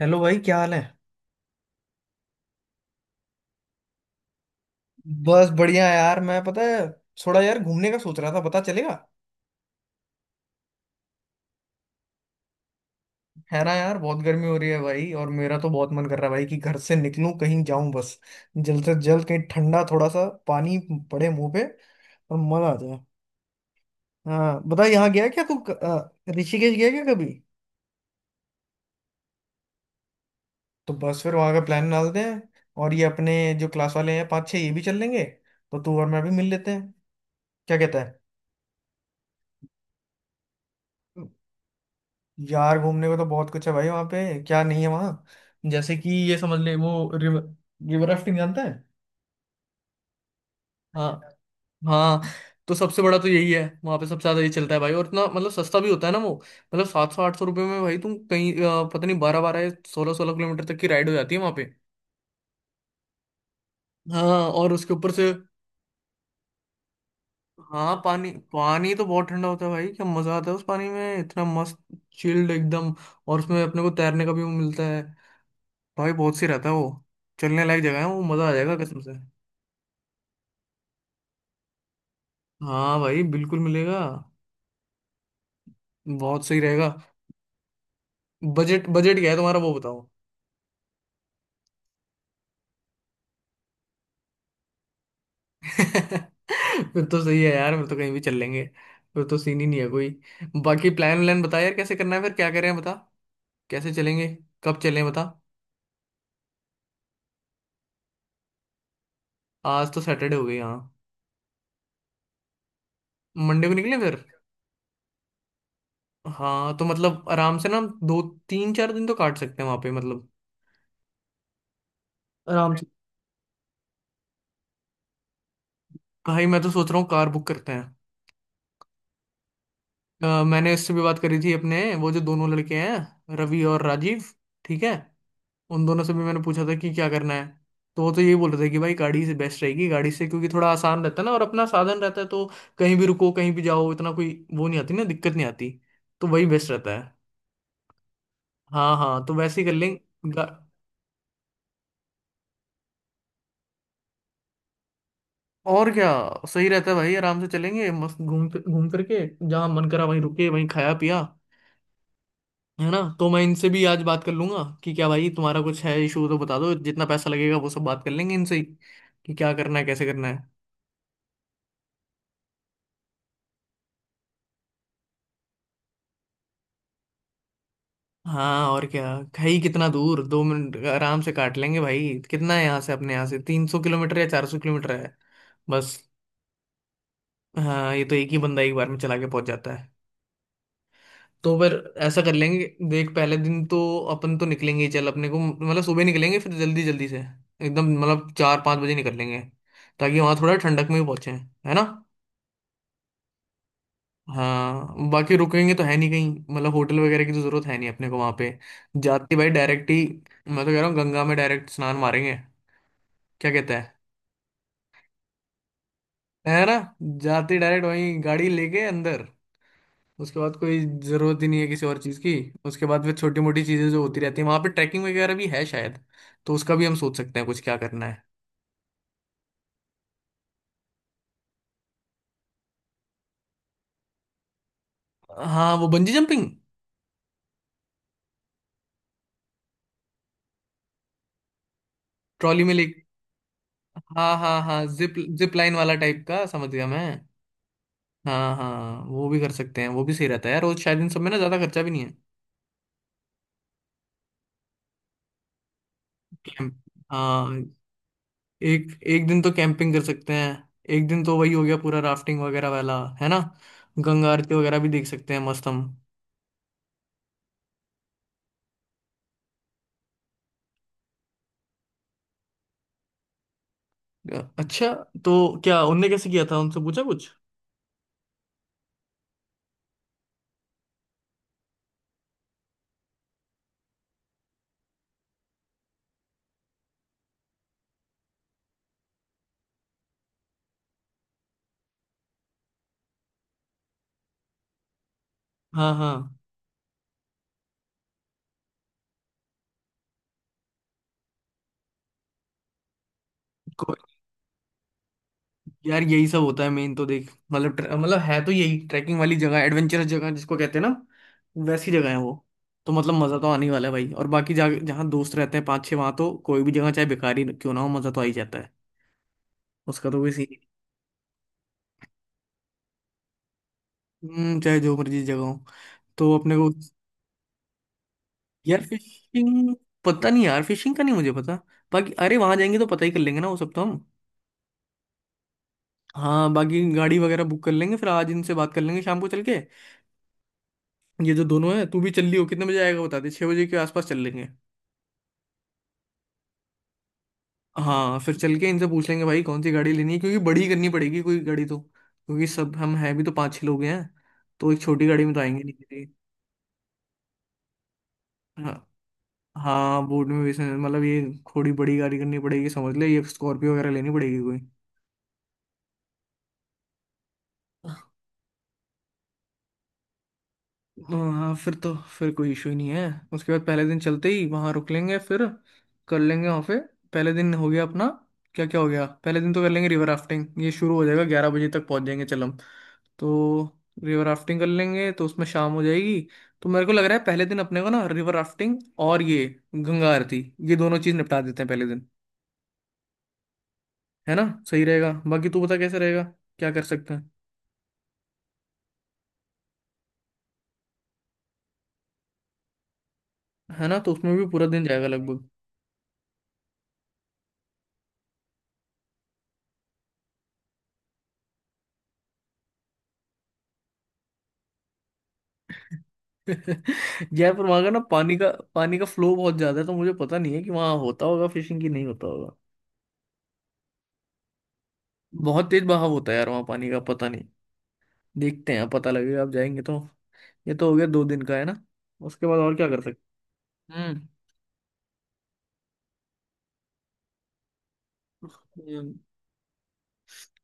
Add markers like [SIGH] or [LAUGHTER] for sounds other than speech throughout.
Hello भाई, क्या हाल है। बस बढ़िया यार, मैं पता है। थोड़ा यार घूमने का सोच रहा था, पता चलेगा। है ना यार, बहुत गर्मी हो रही है भाई, और मेरा तो बहुत मन कर रहा है भाई कि घर से निकलूं कहीं जाऊं बस। जल्द से जल्द कहीं ठंडा थोड़ा सा पानी पड़े मुंह पे और मजा आ जाए। हाँ बता, यहाँ गया क्या तू ऋषिकेश गया क्या कभी। तो बस फिर वहां का प्लान डालते हैं। और ये अपने जो क्लास वाले हैं पाँच छः, ये भी चल लेंगे, तो तू और मैं भी मिल लेते हैं। क्या कहता। है यार, घूमने को तो बहुत कुछ है भाई वहाँ पे। क्या नहीं है वहाँ। जैसे कि ये समझ ले वो रिवर रिवर राफ्टिंग जानता है। हाँ हाँ। तो सबसे बड़ा तो यही है वहाँ पे, सबसे ज्यादा ये चलता है भाई। और इतना मतलब सस्ता भी होता है ना वो। मतलब 700-800 रुपये में भाई तुम कहीं पता नहीं 12-12 16-16 किलोमीटर तक की राइड हो जाती है वहाँ पे। हाँ, और उसके ऊपर से। हाँ, पानी पानी तो बहुत ठंडा होता है भाई, क्या मजा आता है उस पानी में, इतना मस्त चिल्ड एकदम। और उसमें अपने को तैरने का भी वो मिलता है भाई, बहुत सी रहता है वो। चलने लायक जगह है वो, मजा आ जाएगा कसम से। हाँ भाई बिल्कुल मिलेगा, बहुत सही रहेगा। बजट बजट क्या है तुम्हारा, वो बताओ। [LAUGHS] फिर तो सही है यार, फिर तो कहीं भी चल लेंगे। फिर तो सीन ही नहीं है कोई। बाकी प्लान व्लान बता यार, कैसे करना है, फिर क्या करें बता। कैसे चलेंगे, कब चलें बता। आज तो सैटरडे हो गई, हाँ। मंडे को निकले फिर। हाँ, तो मतलब आराम से ना, हम दो तीन चार दिन तो काट सकते हैं वहां पे मतलब, आराम से। भाई मैं तो सोच रहा हूँ कार बुक करते हैं। मैंने इससे भी बात करी थी अपने, वो जो दोनों लड़के हैं रवि और राजीव। ठीक है। उन दोनों से भी मैंने पूछा था कि क्या करना है, तो वो तो यही बोल रहे थे कि भाई गाड़ी से बेस्ट रहेगी, गाड़ी से क्योंकि थोड़ा आसान रहता है ना, और अपना साधन रहता है, तो कहीं भी रुको कहीं भी जाओ, इतना कोई वो नहीं आती ना, दिक्कत नहीं आती। तो वही बेस्ट रहता है। हाँ हाँ, तो वैसे ही कर लेंगे। गा- और क्या। सही रहता है भाई, आराम से चलेंगे मस्त घूम घूम करके, जहाँ मन करा वहीं रुके वहीं खाया पिया। है ना, तो मैं इनसे भी आज बात कर लूंगा कि क्या भाई, तुम्हारा कुछ है इशू तो बता दो, जितना पैसा लगेगा वो सब बात कर लेंगे इनसे ही, कि क्या करना है कैसे करना है। हाँ, और क्या। खाई कितना दूर, 2 मिनट आराम से काट लेंगे भाई। कितना है यहाँ से, अपने यहाँ से 300 किलोमीटर या 400 किलोमीटर है बस। हाँ, ये तो एक ही बंदा एक बार में चला के पहुंच जाता है। तो फिर ऐसा कर लेंगे, देख पहले दिन तो अपन तो निकलेंगे ही, चल अपने को मतलब सुबह निकलेंगे फिर जल्दी जल्दी से, एकदम मतलब 4-5 बजे निकल लेंगे, ताकि वहां थोड़ा ठंडक में भी पहुंचे है ना। हाँ बाकी रुकेंगे तो है नहीं कहीं, मतलब होटल वगैरह की तो जरूरत है नहीं अपने को वहां पे, जाते भाई डायरेक्ट ही। मैं तो कह रहा हूँ गंगा में डायरेक्ट स्नान मारेंगे, क्या कहता है। है ना। जाते डायरेक्ट वहीं गाड़ी लेके अंदर। उसके बाद कोई जरूरत ही नहीं है किसी और चीज की। उसके बाद फिर छोटी मोटी चीजें जो होती रहती है वहां पे, ट्रैकिंग वगैरह भी है शायद, तो उसका भी हम सोच सकते हैं कुछ क्या करना है। हाँ वो बंजी जंपिंग। ट्रॉली में ले। हाँ हाँ हाँ, जिप जिप लाइन वाला टाइप का, समझ गया मैं। हाँ हाँ, वो भी कर सकते हैं, वो भी सही रहता है यार, और शायद इन सब में ना ज्यादा खर्चा भी नहीं है। कैंप। हाँ, एक एक दिन तो कैंपिंग कर सकते हैं। एक दिन तो वही हो गया पूरा राफ्टिंग वगैरह वाला, है ना। गंगा आरती वगैरह भी देख सकते हैं मस्त हम। अच्छा, तो क्या उनने कैसे किया था, उनसे पूछा कुछ। हाँ हाँ। यार यही सब होता है मेन तो, देख मतलब मतलब है तो यही ट्रैकिंग वाली जगह, एडवेंचरस जगह जिसको कहते हैं ना, वैसी जगह है वो। तो मतलब मज़ा तो आने ही वाला है भाई। और बाकी जा जहाँ दोस्त रहते हैं पाँच छः, वहाँ तो कोई भी जगह चाहे बेकार ही क्यों ना हो, मज़ा तो आ ही जाता है, उसका तो कोई सीन ही नहीं। चाहे जो मर्जी जगह हो तो अपने को। यार फिशिंग, पता नहीं यार फिशिंग का नहीं मुझे पता। बाकी अरे वहाँ जाएंगे तो पता ही कर लेंगे ना वो सब तो हम। हाँ, बाकी गाड़ी वगैरह बुक कर लेंगे फिर, आज इनसे बात कर लेंगे शाम को चल के, ये जो दोनों है, तू भी चल लियो, कितने बजे आएगा बता दे, 6 बजे के आसपास चल लेंगे। हाँ, फिर चल के इनसे पूछ लेंगे भाई कौन सी गाड़ी लेनी है, क्योंकि बड़ी करनी पड़ेगी कोई गाड़ी तो, क्योंकि सब हम हैं भी तो 5-6 लोग हैं, तो एक छोटी गाड़ी में तो आएंगे नहीं किसी। हाँ हाँ, बोर्ड में भी मतलब ये थोड़ी बड़ी गाड़ी करनी पड़ेगी, समझ ले ये स्कॉर्पियो वगैरह लेनी पड़ेगी कोई। हाँ हाँ, फिर तो फिर कोई इशू ही नहीं है। उसके बाद पहले दिन चलते ही वहां रुक लेंगे फिर, कर लेंगे वहां पे। पहले दिन हो गया अपना, क्या क्या हो गया पहले दिन तो, कर लेंगे रिवर राफ्टिंग, ये शुरू हो जाएगा, 11 बजे तक पहुंच जाएंगे चल हम, तो रिवर राफ्टिंग कर लेंगे तो उसमें शाम हो जाएगी। तो मेरे को लग रहा है पहले दिन अपने को ना रिवर राफ्टिंग और ये गंगा आरती, ये दोनों चीज निपटा देते हैं पहले दिन। है ना, सही रहेगा, बाकी तू बता कैसे रहेगा, क्या कर सकते हैं। है ना, तो उसमें भी पूरा दिन जाएगा लगभग। [LAUGHS] जयपुर वहां का ना पानी का, पानी का फ्लो बहुत ज्यादा है तो मुझे पता नहीं है कि वहां होता होगा फिशिंग की नहीं होता होगा। बहुत तेज बहाव होता है यार वहां पानी का, पता नहीं, देखते हैं पता लगेगा आप जाएंगे तो। ये तो हो गया 2 दिन का, है ना। उसके बाद और क्या कर सकते। हम्म।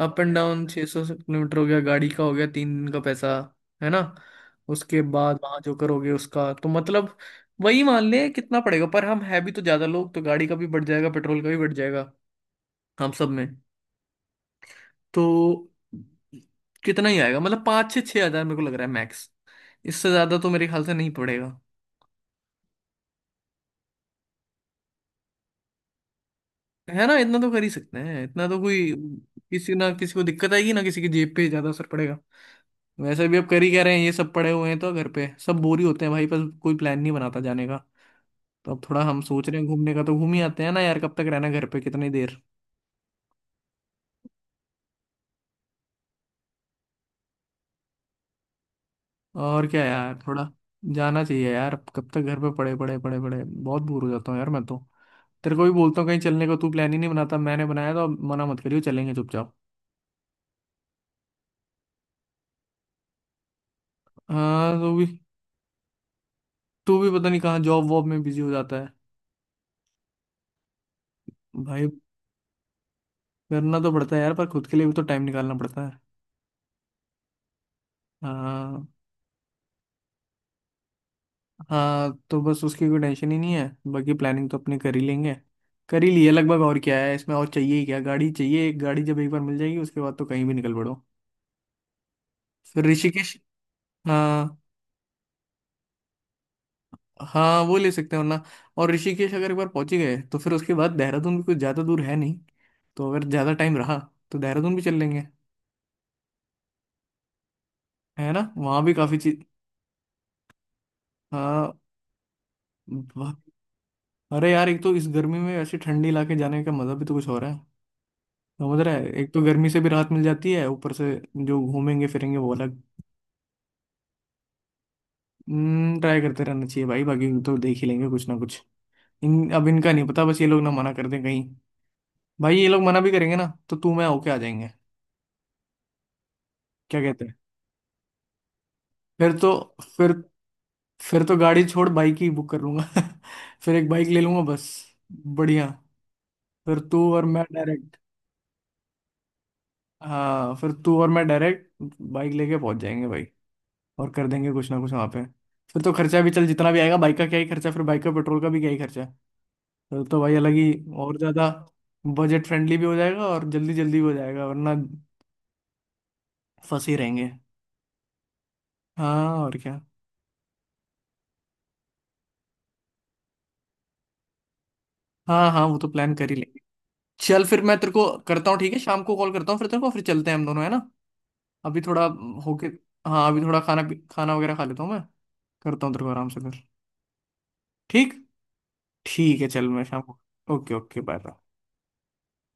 अप एंड डाउन 600 किलोमीटर हो गया, गाड़ी का हो गया 3 दिन का पैसा, है ना। उसके बाद वहां जो करोगे उसका तो मतलब वही मान ले कितना पड़ेगा, पर हम है भी तो ज्यादा लोग, तो गाड़ी का भी बढ़ जाएगा पेट्रोल का भी बढ़ जाएगा हम सब में। तो कितना ही आएगा, मतलब 5-6 हजार मेरे को लग रहा है मैक्स, इससे ज्यादा तो मेरे ख्याल से नहीं पड़ेगा। है ना, इतना तो कर ही सकते हैं, इतना तो कोई किसी ना किसी को दिक्कत आएगी ना, किसी की जेब पे ज्यादा असर पड़ेगा। वैसे भी अब कर ही कह रहे हैं, ये सब पड़े हुए हैं तो घर पे सब बोर ही होते हैं भाई, पर कोई प्लान नहीं बनाता जाने का। तो अब थोड़ा हम सोच रहे हैं घूमने का, तो घूम ही आते हैं ना यार, कब तक रहना घर पे कितनी देर। और क्या यार, थोड़ा जाना चाहिए यार, अब कब तक घर पे पड़े पड़े पड़े पड़े, बहुत बोर हो जाता हूँ यार मैं तो। तेरे को भी बोलता हूँ कहीं चलने को, तू प्लान ही नहीं बनाता, मैंने बनाया तो अब मना मत करियो, चलेंगे चुपचाप। हाँ तू भी, तू भी पता नहीं कहाँ जॉब वॉब में बिजी हो जाता है। भाई करना तो पड़ता है यार, पर खुद के लिए भी तो टाइम निकालना पड़ता है। हाँ। हाँ, तो बस उसकी कोई टेंशन ही नहीं है, बाकी प्लानिंग तो अपने कर ही लेंगे, कर ही लिए लगभग और क्या है इसमें, और चाहिए ही क्या, गाड़ी चाहिए, एक गाड़ी जब एक बार मिल जाएगी, उसके बाद तो कहीं भी निकल पड़ो। फिर ऋषिकेश, हाँ हाँ वो ले सकते हैं वरना। और ऋषिकेश अगर एक बार पहुंच ही गए तो फिर उसके बाद देहरादून भी कुछ ज़्यादा दूर है नहीं, तो अगर ज़्यादा टाइम रहा तो देहरादून भी चल लेंगे। है ना, वहाँ भी काफ़ी चीज। हाँ, वाह। अरे यार, एक तो इस गर्मी में ऐसे ठंडी इलाके जाने का मज़ा भी तो कुछ हो रहा है, समझ रहा है, एक तो गर्मी से भी राहत मिल जाती है, ऊपर से जो घूमेंगे फिरेंगे वो अलग। ट्राई करते रहना चाहिए भाई, बाकी तो देख ही लेंगे कुछ ना कुछ। इन अब इनका नहीं पता बस, ये लोग ना मना कर दें कहीं, भाई ये लोग मना भी करेंगे ना तो तू मैं होके आ जाएंगे, क्या कहते हैं। फिर तो, फिर फिर तो गाड़ी छोड़ बाइक ही बुक कर लूंगा। [LAUGHS] फिर एक बाइक ले लूंगा बस, बढ़िया, फिर तू और मैं डायरेक्ट। हाँ फिर तू और मैं डायरेक्ट बाइक लेके पहुंच जाएंगे भाई, और कर देंगे कुछ ना कुछ वहां पे। फिर तो खर्चा भी चल, जितना भी आएगा, बाइक का क्या ही खर्चा, फिर बाइक का पेट्रोल का भी क्या ही खर्चा, फिर तो भाई अलग ही, और ज्यादा बजट फ्रेंडली भी हो जाएगा और जल्दी जल्दी भी हो जाएगा, वरना फंसे ही रहेंगे। हाँ, और क्या। हाँ हाँ वो तो प्लान कर ही लेंगे। चल फिर मैं तेरे को करता हूँ, ठीक है, शाम को कॉल करता हूँ फिर तेरे को, फिर चलते हैं हम दोनों, है ना, अभी थोड़ा होके। हाँ, अभी थोड़ा खाना खाना वगैरह खा लेता हूँ मैं, करता हूँ तेरे को आराम से फिर। ठीक। ठीक है चल, मैं शाम को। Okay okay, bye.